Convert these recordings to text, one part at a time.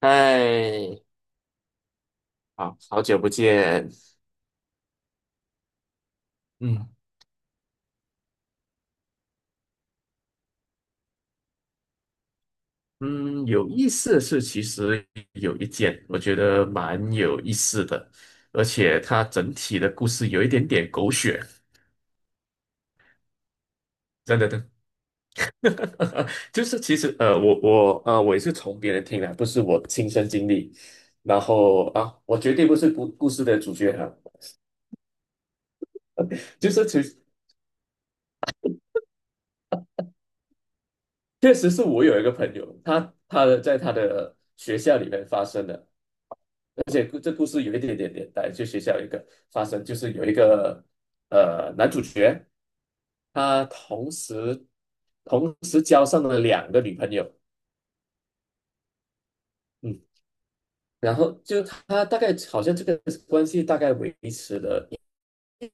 嗨，好好久不见。嗯，嗯，有意思的是，其实有一件我觉得蛮有意思的，而且它整体的故事有一点点狗血，真的真的。就是其实我我也是从别人听来，不是我亲身经历。然后啊，我绝对不是故事的主角啊，就是其实确实是我有一个朋友，他在他的学校里面发生的。而且这故事有一点点点，带，就学校有一个发生，就是有一个男主角，他同时同时交上了两个女朋友。嗯，然后就他大概好像这个关系大概维持了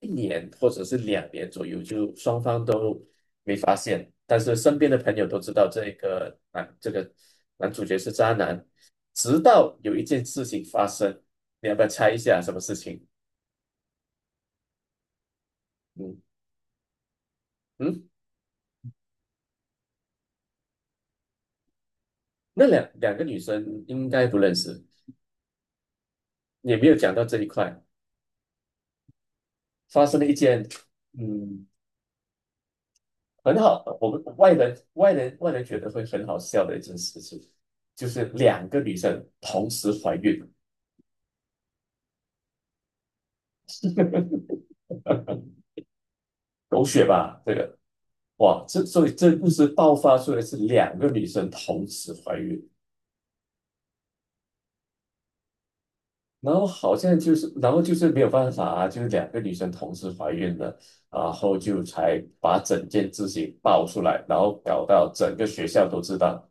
一年或者是两年左右，就双方都没发现，但是身边的朋友都知道这个男主角是渣男，直到有一件事情发生，你要不要猜一下什么事情？嗯嗯。那两个女生应该不认识，也没有讲到这一块。发生了一件，嗯，很好，我们外人觉得会很好笑的一件事情，就是两个女生同时怀孕。狗血吧？这个，哇，这所以这故事爆发出来是两个女生同时怀孕。然后好像就是，然后就是没有办法啊，就是两个女生同时怀孕了。然后就才把整件事情爆出来，然后搞到整个学校都知道。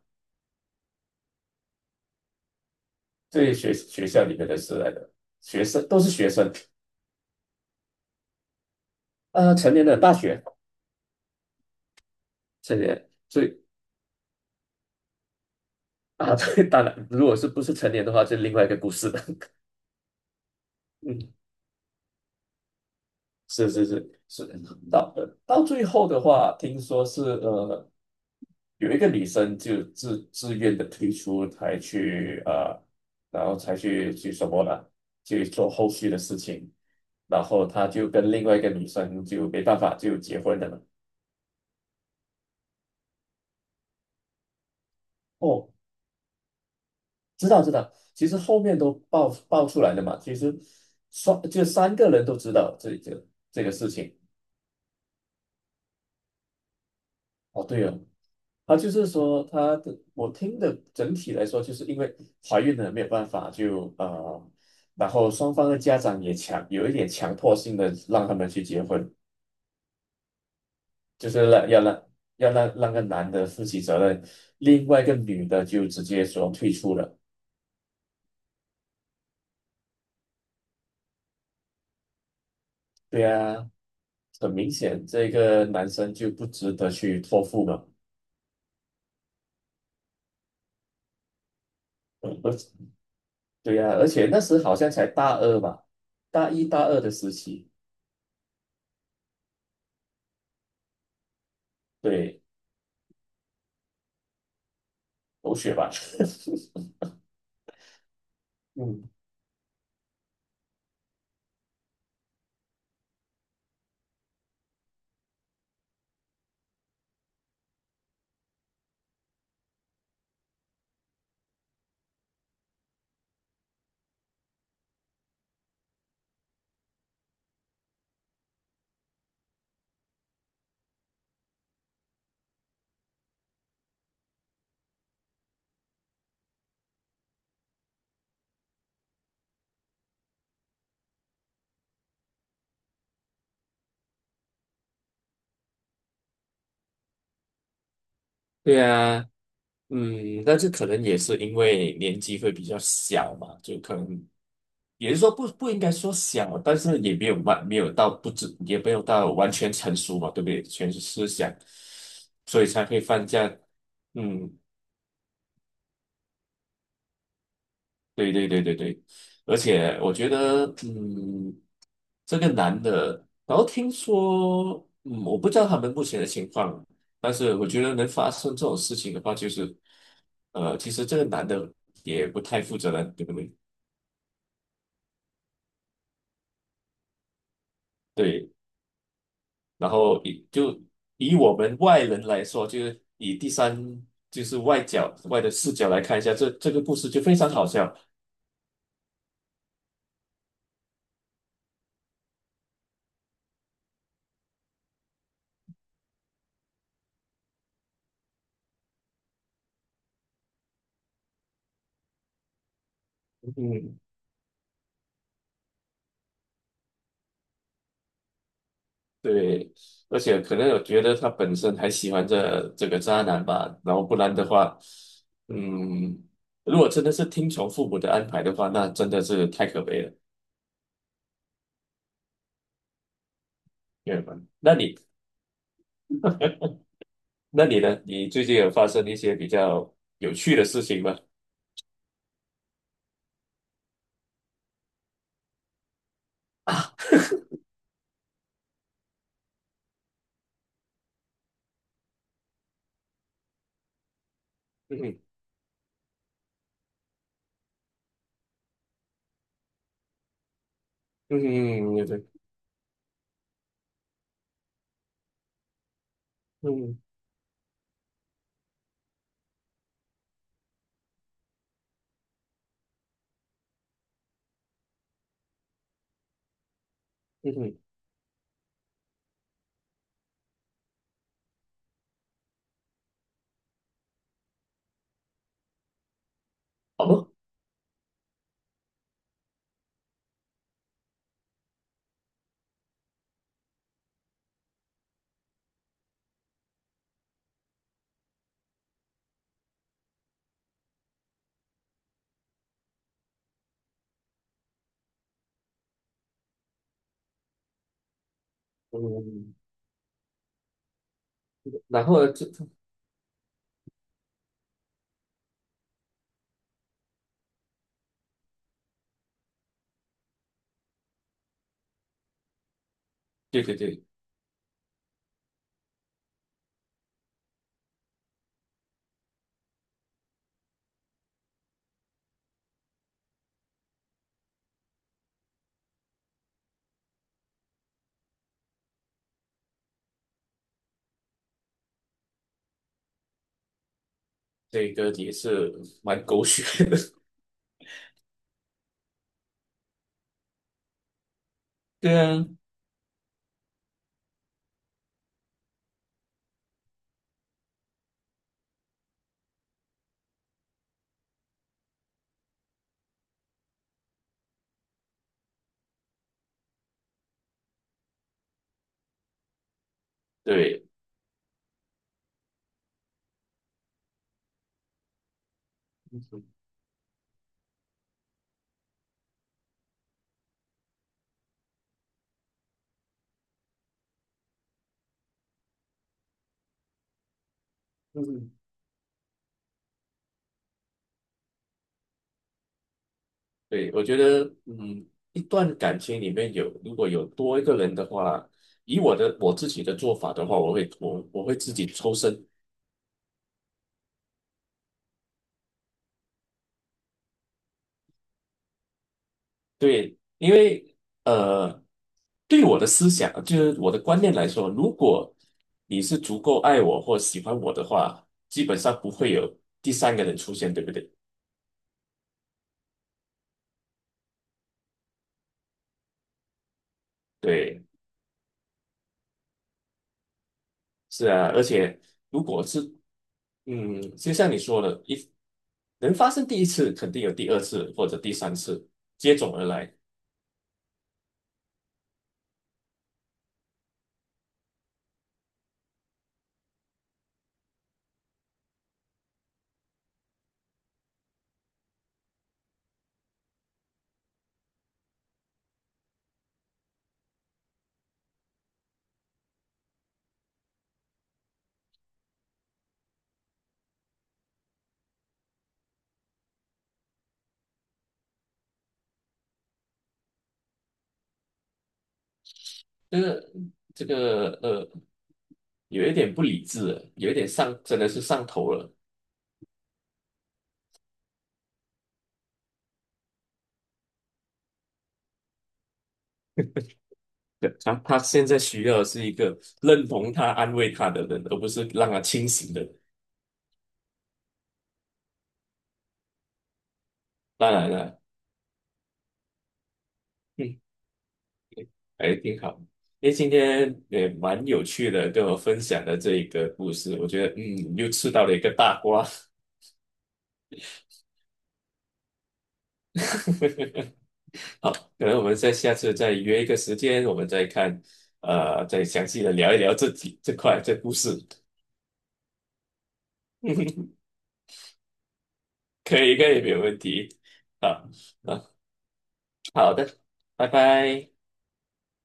这些学校里面的是来的学生都是学生，呃，成年的大学成年，所以啊。对，当然，如果是不是成年的话，就另外一个故事了。嗯，是是是是，到到最后的话，听说是呃有一个女生就自愿的退出，才去然后才去什么了，去做后续的事情，然后她就跟另外一个女生就没办法就结婚了嘛。哦，知道知道，其实后面都爆出来了嘛。其实三个人都知道这个事情。哦，对哦。啊，就是说他的，我听的整体来说，就是因为怀孕了没有办法然后双方的家长也强有一点强迫性的让他们去结婚，就是让要让要让个男的负起责任，另外一个女的就直接说退出了。对啊，很明显这个男生就不值得去托付嘛。对呀、而且那时好像才大二吧，大一大二的时期。对，狗血吧。嗯，对啊，嗯，但是可能也是因为年纪会比较小嘛，就可能也是说不应该说小，但是也没有完没有到不知也没有到完全成熟嘛，对不对？全是思想，所以才会犯这样，嗯，对对对对对。而且我觉得，嗯，这个男的，然后听说，嗯，我不知道他们目前的情况，但是我觉得能发生这种事情的话，就是，呃，其实这个男的也不太负责任，对不对？对，然后以就以我们外人来说，就是以第三就是外角外的视角来看一下这个故事，就非常好笑。嗯。对，而且可能我觉得他本身还喜欢这个渣男吧，然后不然的话，嗯，如果真的是听从父母的安排的话，那真的是太可悲了，对吧？那你那你呢？你最近有发生一些比较有趣的事情吗？啊，嗯哼嗯哼，对对，嗯嗯哼，哦，嗯，然后呢？这对对对。这个也是蛮狗血的。对啊，对，嗯嗯。对，我觉得，嗯，一段感情里面如果有多一个人的话，以我自己的做法的话，我会自己抽身。对，因为呃，对我的思想就是我的观念来说，如果你是足够爱我或喜欢我的话，基本上不会有第三个人出现，对不对？对。是啊，而且如果是，嗯，就像你说的，能发生第一次，肯定有第二次或者第三次接踵而来。这个这个呃，有一点不理智了有一点上，真的是上头了。对，他他现在需要的是一个认同他、安慰他的人，而不是让他清醒的。当然了，嗯，还挺好。因为今天也蛮有趣的，跟我分享的这一个故事，我觉得嗯，又吃到了一个大瓜。好，可能我们在下次再约一个时间，我们再看，呃，再详细的聊一聊这几这块这故事。可以，可以，没有问题。好，啊好好的，拜拜。